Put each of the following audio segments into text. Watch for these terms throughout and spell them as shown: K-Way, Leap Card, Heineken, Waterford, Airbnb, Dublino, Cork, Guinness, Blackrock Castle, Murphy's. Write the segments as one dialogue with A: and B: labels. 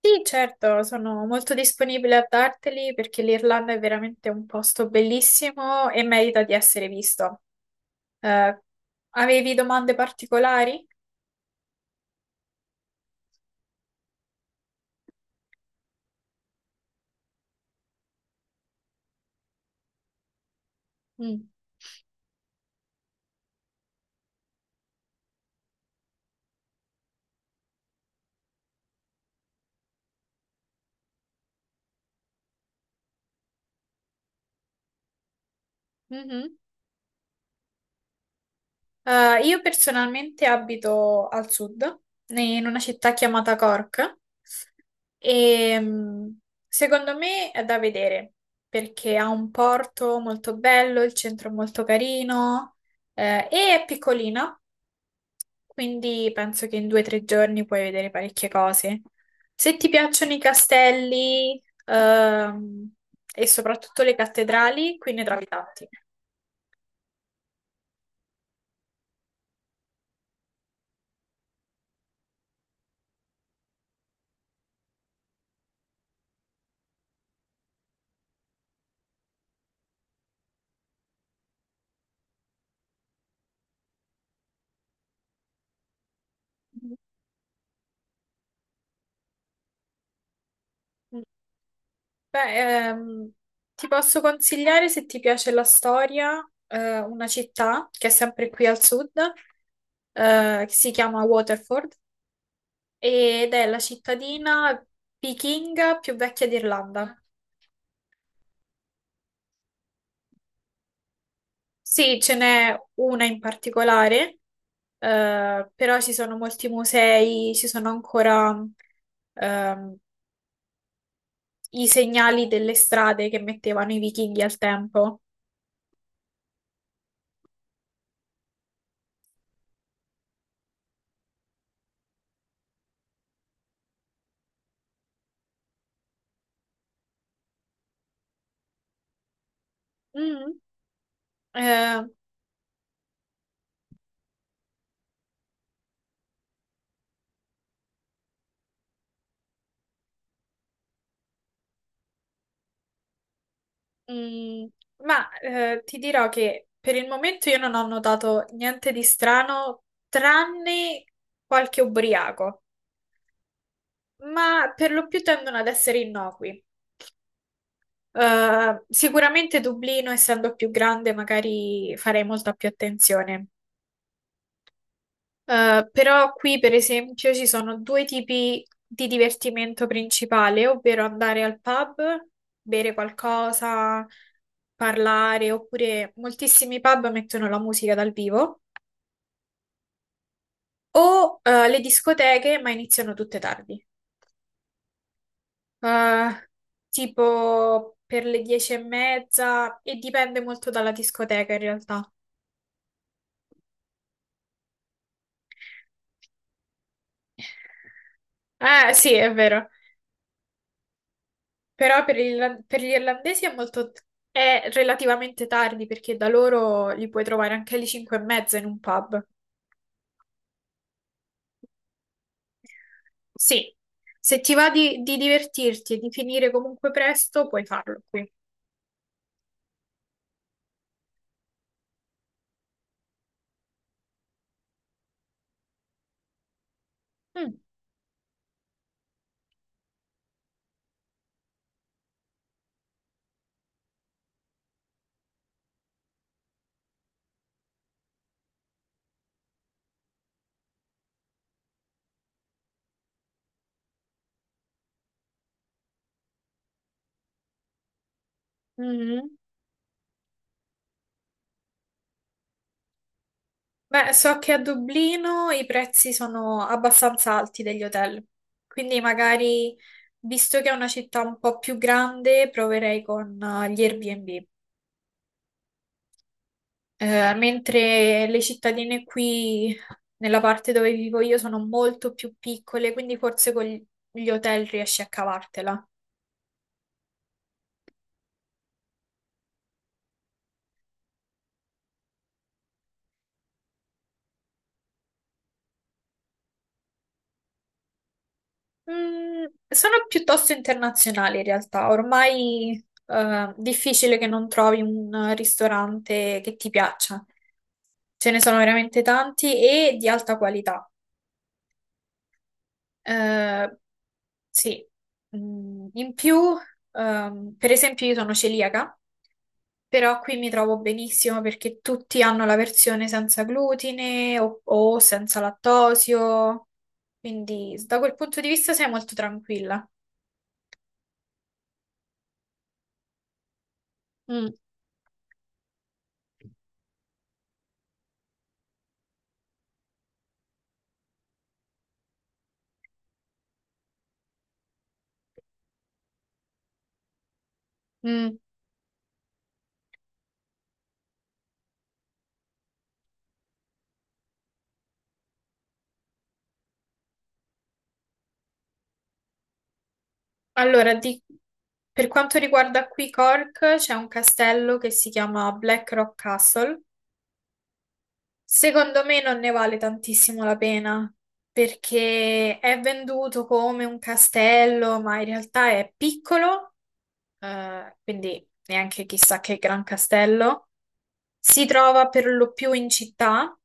A: Sì, certo, sono molto disponibile a darteli perché l'Irlanda è veramente un posto bellissimo e merita di essere visto. Eh, avevi domande particolari? Mm. Mhm. Io personalmente abito al sud, in una città chiamata Cork, e secondo me è da vedere perché ha un porto molto bello, il centro è molto carino, e è piccolina. Quindi penso che in 2 o 3 giorni puoi vedere parecchie cose. Se ti piacciono i castelli, e soprattutto le cattedrali, qui ne trovi tanti. Beh, ehm, ti posso consigliare, se ti piace la storia, una città che è sempre qui al sud, che si chiama Waterford ed è la cittadina vichinga più vecchia d'Irlanda. Sì, ce n'è una in particolare, però ci sono molti musei, ci sono ancora ehm, i segnali delle strade che mettevano i vichinghi al tempo. Mm, eh, mm, ma ti dirò che per il momento io non ho notato niente di strano, tranne qualche ubriaco, ma per lo più tendono ad essere innocui. Sicuramente Dublino, essendo più grande, magari farei molta più attenzione. Però qui, per esempio, ci sono due tipi di divertimento principale, ovvero andare al pub, bere qualcosa, parlare, oppure moltissimi pub mettono la musica dal vivo, o le discoteche, ma iniziano tutte tardi. Eh, tipo per le 10:30, e dipende molto dalla discoteca in realtà. Sì, è vero. Però per gli irlandesi è molto... è relativamente tardi perché da loro li puoi trovare anche alle 5 e mezza in un pub. Sì. Se ti va di divertirti e di finire comunque presto, puoi farlo qui. Mm. Mhm. Beh, so che a Dublino i prezzi sono abbastanza alti degli hotel, quindi magari, visto che è una città un po' più grande, proverei con gli Airbnb. Mentre le cittadine qui nella parte dove vivo io sono molto più piccole, quindi forse con gli hotel riesci a cavartela. Sono piuttosto internazionali in realtà, ormai è difficile che non trovi un ristorante che ti piaccia. Ce ne sono veramente tanti e di alta qualità. Eh, sì. In più, per esempio, io sono celiaca, però qui mi trovo benissimo perché tutti hanno la versione senza glutine o senza lattosio, quindi da quel punto di vista sei molto tranquilla. Mm. Mm. Allora, per quanto riguarda qui Cork, c'è un castello che si chiama Blackrock Castle. Secondo me non ne vale tantissimo la pena perché è venduto come un castello, ma in realtà è piccolo, quindi neanche chissà che gran castello. Si trova per lo più in città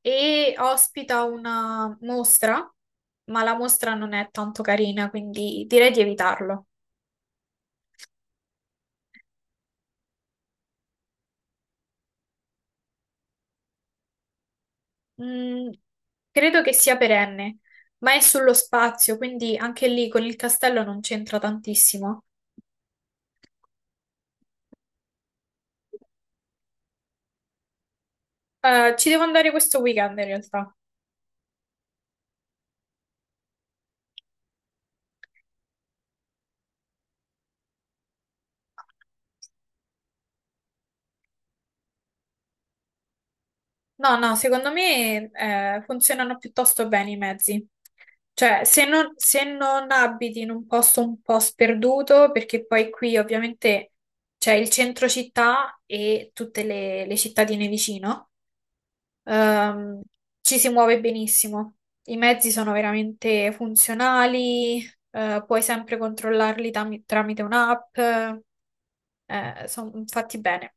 A: e ospita una mostra, ma la mostra non è tanto carina, quindi direi di evitarlo. Mm, credo che sia perenne, ma è sullo spazio, quindi anche lì con il castello non c'entra tantissimo. Ci devo andare questo weekend in realtà. No, no, secondo me funzionano piuttosto bene i mezzi. Cioè, se non abiti in un posto un po' sperduto, perché poi qui ovviamente c'è il centro città e tutte le cittadine vicino, ehm, ci si muove benissimo. I mezzi sono veramente funzionali, puoi sempre controllarli tramite un'app, sono fatti bene.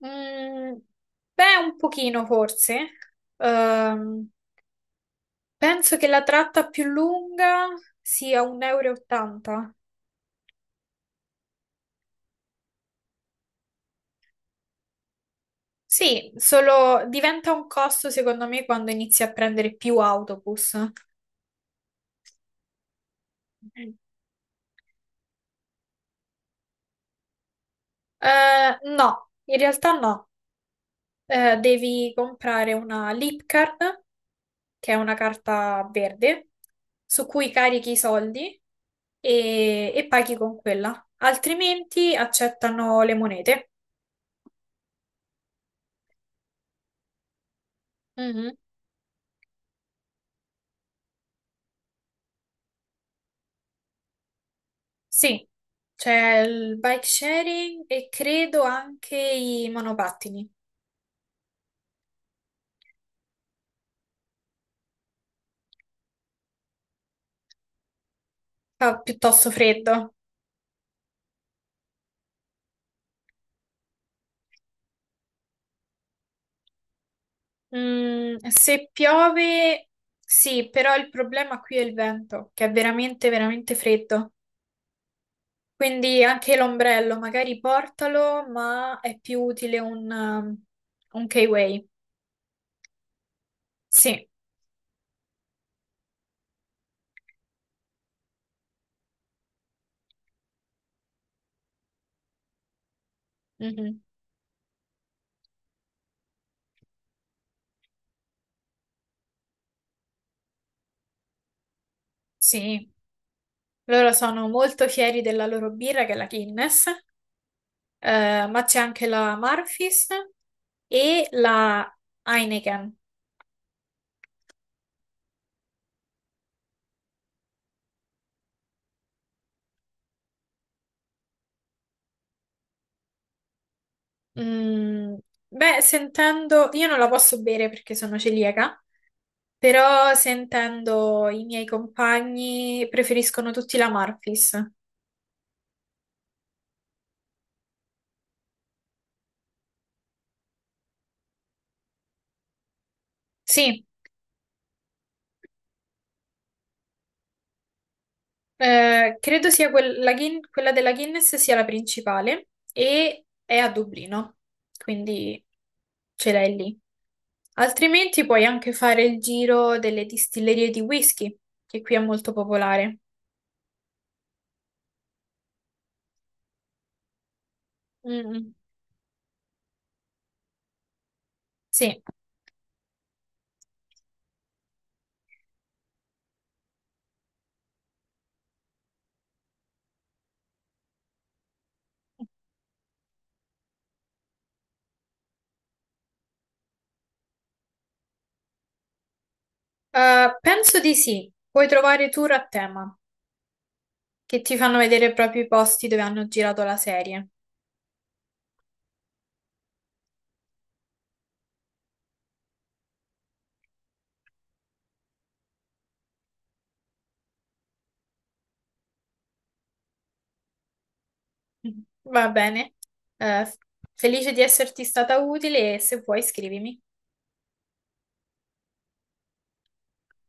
A: Mm, beh, un pochino forse. Ehm, penso che la tratta più lunga sia 1,80 euro e ottanta. Sì, solo diventa un costo secondo me quando inizi a prendere più autobus. Mm. No, in realtà no. Devi comprare una Leap Card, che è una carta verde, su cui carichi i soldi e paghi con quella. Altrimenti accettano le monete. Mhm. Sì, c'è il bike sharing e credo anche i monopattini. Fa piuttosto freddo. Se piove, sì, però il problema qui è il vento, che è veramente, veramente freddo. Quindi anche l'ombrello, magari portalo, ma è più utile un K-Way. Sì. Mhm. Sì. Loro sono molto fieri della loro birra, che è la Guinness. Ma c'è anche la Murphy's e la Heineken. Mm, beh, sentendo, io non la posso bere perché sono celiaca, però sentendo i miei compagni preferiscono tutti la Murphy's. Sì. Credo sia quella della Guinness sia la principale e è a Dublino, quindi ce l'hai lì. Altrimenti puoi anche fare il giro delle distillerie di whisky, che qui è molto popolare. Mm. Sì. Penso di sì. Puoi trovare tour a tema che ti fanno vedere proprio i posti dove hanno girato la serie. Va bene. Eh, felice di esserti stata utile e se vuoi scrivimi.